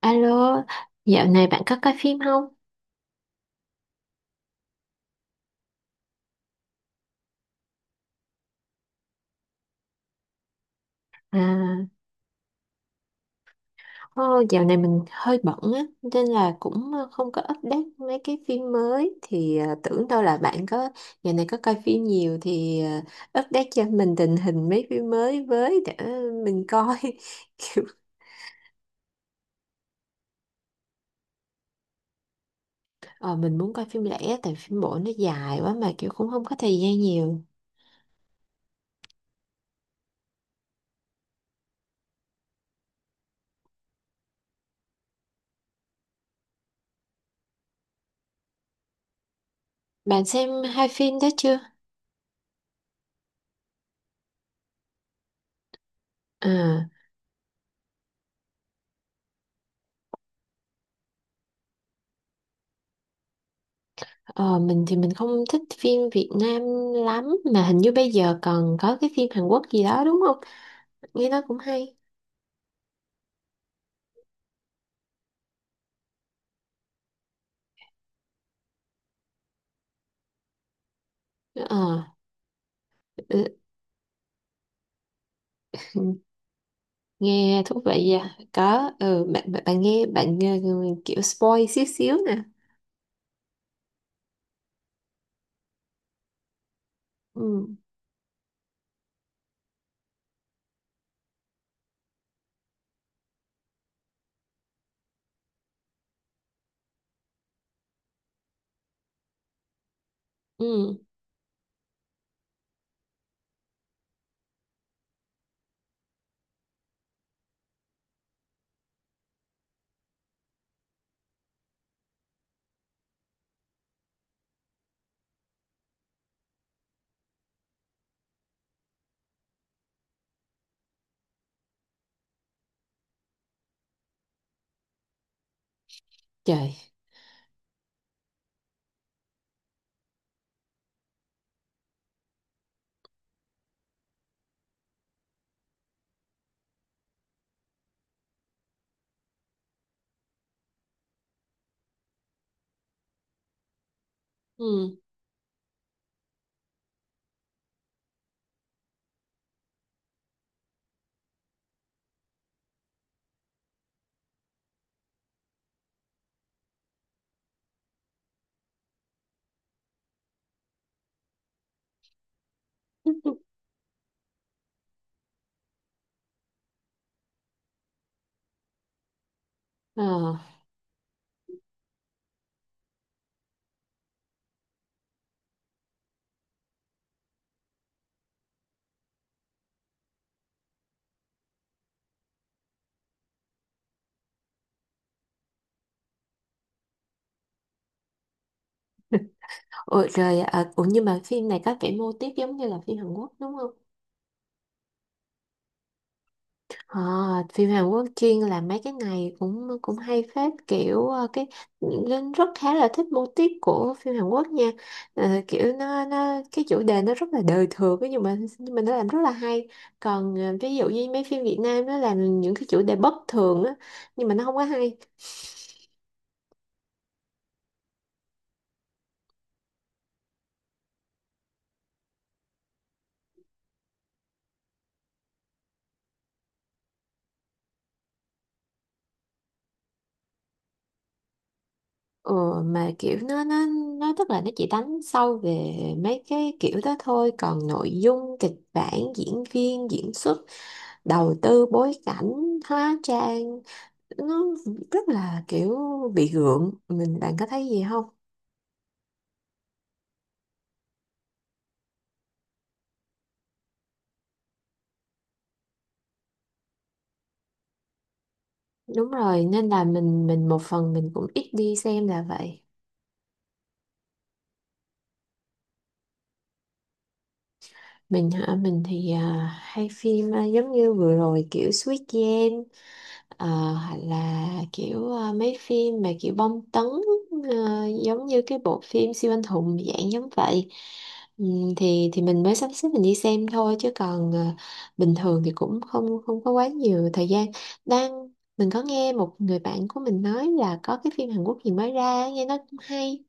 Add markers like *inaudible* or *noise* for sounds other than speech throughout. Alo, dạo này bạn có coi phim không? À, Dạo này mình hơi bận á, nên là cũng không có update mấy cái phim mới. Thì tưởng đâu là bạn có dạo này có coi phim nhiều thì update cho mình tình hình mấy phim mới với để mình coi. *laughs* Kiểu, ờ, mình muốn coi phim lẻ tại phim bộ nó dài quá mà kiểu cũng không có thời gian nhiều. Bạn xem hai phim đó chưa? À. Ờ, mình thì mình không thích phim Việt Nam lắm, mà hình như bây giờ còn có cái phim Hàn Quốc gì đó đúng không? Nghe nói cũng hay. Ờ, ừ, Nghe thú vị à. Có ừ, bạn bạn bạn nghe kiểu spoil xíu xíu nè. Ừ, ừ, trời. Ừ. *laughs* Ờ, ủa, rồi à, ủa nhưng mà phim này có vẻ mô típ giống như là phim Hàn Quốc đúng không? Ờ, phim Hàn Quốc chuyên làm mấy cái này cũng cũng hay phết kiểu cái Linh rất khá là thích mô típ của phim Hàn Quốc nha. Ờ, kiểu nó cái chủ đề nó rất là đời thường ấy, nhưng mà nó làm rất là hay. Còn ví dụ như mấy phim Việt Nam nó làm những cái chủ đề bất thường á, nhưng mà nó không có hay. Ừ, mà kiểu nó tức là nó chỉ đánh sâu về mấy cái kiểu đó thôi, còn nội dung, kịch bản, diễn viên, diễn xuất, đầu tư bối cảnh, hóa trang nó rất là kiểu bị gượng, mình bạn có thấy gì không? Đúng rồi, nên là mình một phần mình cũng ít đi xem là vậy. Mình hả, mình thì à, hay phim à, giống như vừa rồi kiểu Squid Game. Ờ, hoặc là kiểu mấy phim mà kiểu bom tấn, giống như cái bộ phim siêu anh hùng dạng giống vậy. Thì mình mới sắp xếp mình đi xem thôi, chứ còn bình thường thì cũng không không có quá nhiều thời gian đang mình có nghe một người bạn của mình nói là có cái phim Hàn Quốc gì mới ra nghe nó cũng hay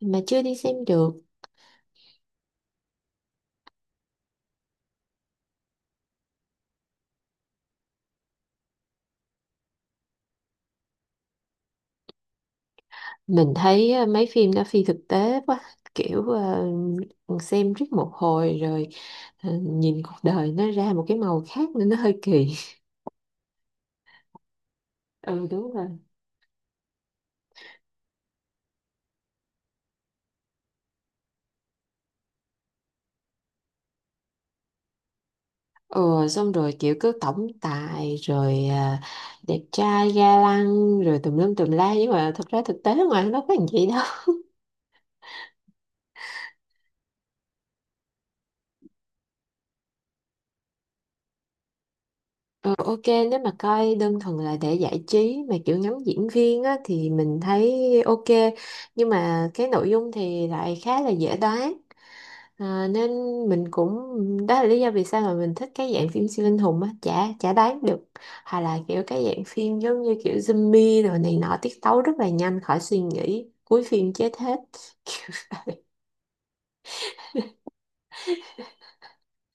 mà chưa đi xem được. Mình thấy mấy phim đó phi thực tế quá, kiểu xem riết một hồi rồi, Ờ, nhìn cuộc đời nó ra một cái màu khác nên nó hơi kỳ. *laughs* Ừ đúng rồi. Ừ, xong rồi kiểu cứ tổng tài rồi à, đẹp trai ga lăng rồi tùm lum tùm la nhưng mà thật ra thực tế ngoài nó có làm gì đâu. Ờ, ok, nếu mà coi đơn thuần là để giải trí mà kiểu ngắm diễn viên á, thì mình thấy ok, nhưng mà cái nội dung thì lại khá là dễ đoán. Ờ, nên mình cũng đó là lý do vì sao mà mình thích cái dạng phim siêu anh hùng á, chả chả đoán được. Hoặc là kiểu cái dạng phim giống như kiểu zombie rồi này nọ tiết tấu rất là nhanh khỏi suy nghĩ cuối phim chết hết. *laughs* Kiểu vậy.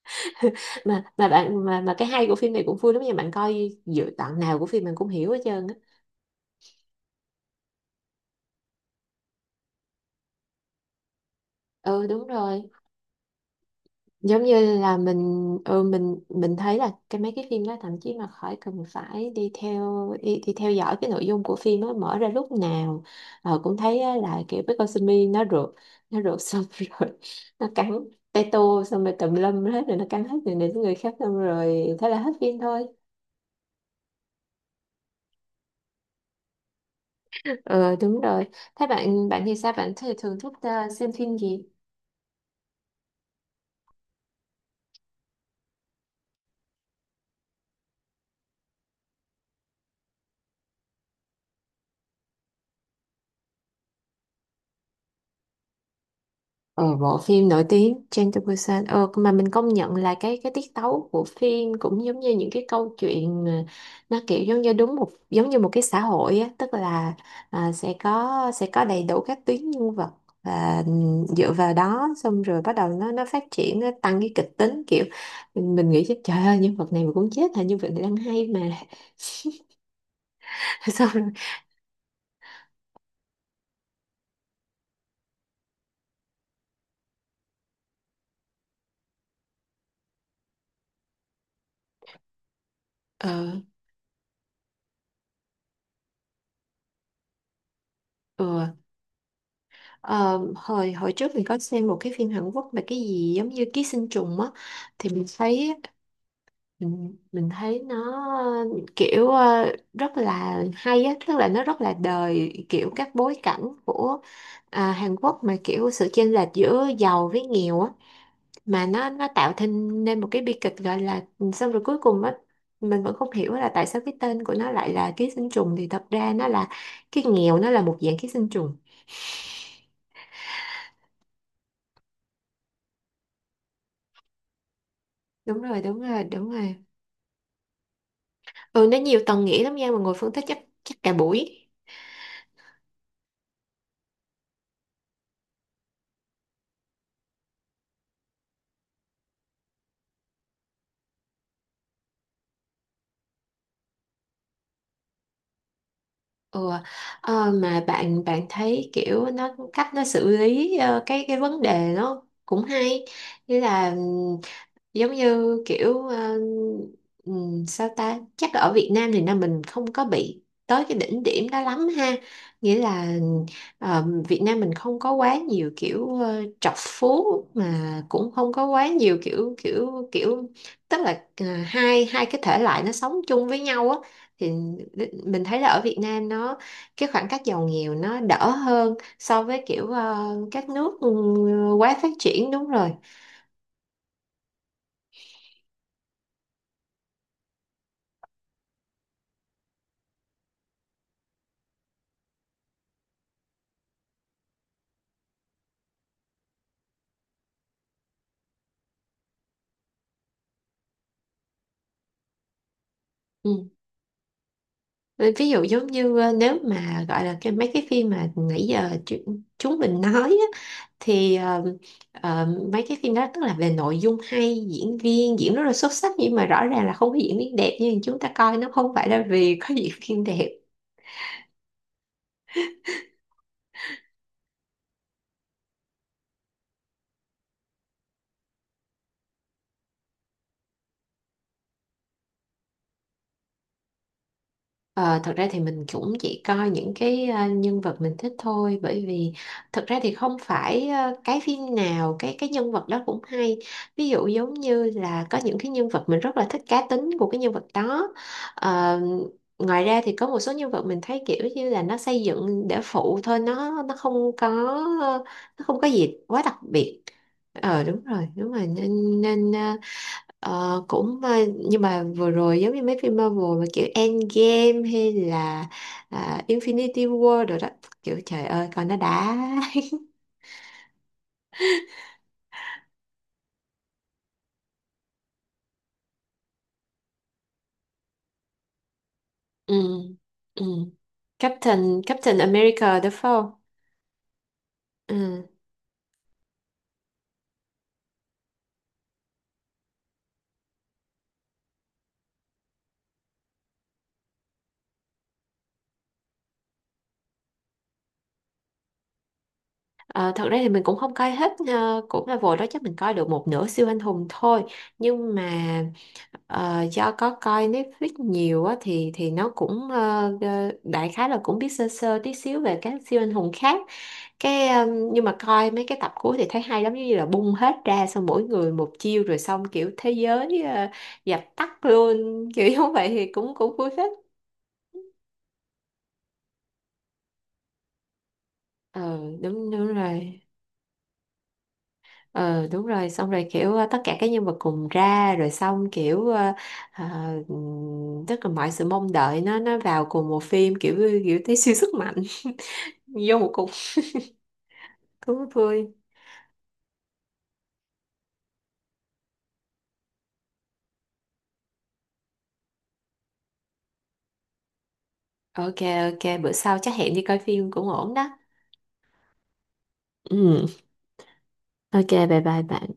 *laughs* Mà bạn mà cái hay của phim này cũng vui lắm nha, bạn coi dự đoạn nào của phim mình cũng hiểu hết trơn á. Ừ đúng rồi, giống như là mình ừ, mình thấy là cái mấy cái phim đó thậm chí mà khỏi cần phải đi theo đi theo dõi cái nội dung của phim nó mở ra lúc nào ờ, cũng thấy á, là kiểu cái con simi nó rượt, nó rượt xong *laughs* rồi nó cắn tay tô xong rồi tùm lum hết rồi nó cắn hết người này đến người khác xong rồi thế là hết phim thôi. Ờ đúng rồi, thế bạn bạn thì sao, bạn thì thường thích xem phim gì? Ờ, bộ phim nổi tiếng Train to Busan, ờ, mà mình công nhận là cái tiết tấu của phim cũng giống như những cái câu chuyện mà nó kiểu giống như đúng một giống như một cái xã hội á, tức là à, sẽ có đầy đủ các tuyến nhân vật và dựa vào đó xong rồi bắt đầu nó phát triển nó tăng cái kịch tính kiểu mình nghĩ chứ trời ơi nhân vật này mà cũng chết hả, nhân vật này đang hay mà. *laughs* Xong rồi ờ ừ. Ờ, hồi hồi trước mình có xem một cái phim Hàn Quốc mà cái gì giống như ký sinh trùng á, thì mình thấy nó kiểu rất là hay á, tức là nó rất là đời kiểu các bối cảnh của à, Hàn Quốc mà kiểu sự chênh lệch giữa giàu với nghèo á, mà nó tạo thành nên một cái bi kịch gọi là xong rồi cuối cùng á mình vẫn không hiểu là tại sao cái tên của nó lại là ký sinh trùng, thì thật ra nó là cái nghèo nó là một dạng ký sinh trùng. Đúng rồi đúng rồi, ừ nó nhiều tầng nghĩa lắm nha mà ngồi phân tích chắc chắc cả buổi. Ừ. Ờ, mà bạn bạn thấy kiểu nó cách nó xử lý cái vấn đề nó cũng hay như là giống như kiểu sao ta chắc ở Việt Nam thì là mình không có bị tới cái đỉnh điểm đó lắm ha, nghĩa là Việt Nam mình không có quá nhiều kiểu trọc phú mà cũng không có quá nhiều kiểu kiểu kiểu tức là hai hai cái thể loại nó sống chung với nhau á, thì mình thấy là ở Việt Nam nó cái khoảng cách giàu nghèo nó đỡ hơn so với kiểu các nước ừ, quá phát triển đúng rồi. Ừ. Ví dụ giống như nếu mà gọi là cái mấy cái phim mà nãy giờ chúng mình nói á, thì ờ, mấy cái phim đó tức là về nội dung hay diễn viên diễn rất là xuất sắc nhưng mà rõ ràng là không có diễn viên đẹp, nhưng chúng ta coi nó không phải là vì có diễn viên đẹp. Ờ, thật ra thì mình cũng chỉ coi những cái nhân vật mình thích thôi, bởi vì thật ra thì không phải cái phim nào cái nhân vật đó cũng hay. Ví dụ giống như là có những cái nhân vật mình rất là thích cá tính của cái nhân vật đó. Ờ, ngoài ra thì có một số nhân vật mình thấy kiểu như là nó xây dựng để phụ thôi nó không có, nó không có gì quá đặc biệt. Ờ đúng rồi đúng rồi, nên nên ờ, Ờ, cũng ờ, nhưng mà vừa rồi giống như mấy phim Marvel mà kiểu Endgame hay là à, Infinity War rồi đó kiểu trời ơi coi nó đã. *laughs* Ừ. Ừ. Captain Captain America đúng không? Ừ. Ờ, thật ra thì mình cũng không coi hết cũng là vội đó chắc mình coi được một nửa siêu anh hùng thôi, nhưng mà do có coi Netflix nhiều á, thì nó cũng đại khái là cũng biết sơ sơ tí xíu về các siêu anh hùng khác cái ờ, nhưng mà coi mấy cái tập cuối thì thấy hay lắm giống như là bung hết ra xong mỗi người một chiêu rồi xong kiểu thế giới dập tắt luôn. *laughs* Kiểu như vậy thì cũng cũng vui phết. Ờ đúng đúng rồi. Ừ đúng rồi xong rồi kiểu tất cả các nhân vật cùng ra rồi xong kiểu ờ, tức là mọi sự mong đợi nó vào cùng một phim kiểu kiểu thấy siêu sức mạnh *laughs* vô một cục thú vui. Ok, ok bữa sau chắc hẹn đi coi phim cũng ổn đó. Ừ, ok bye bye bạn.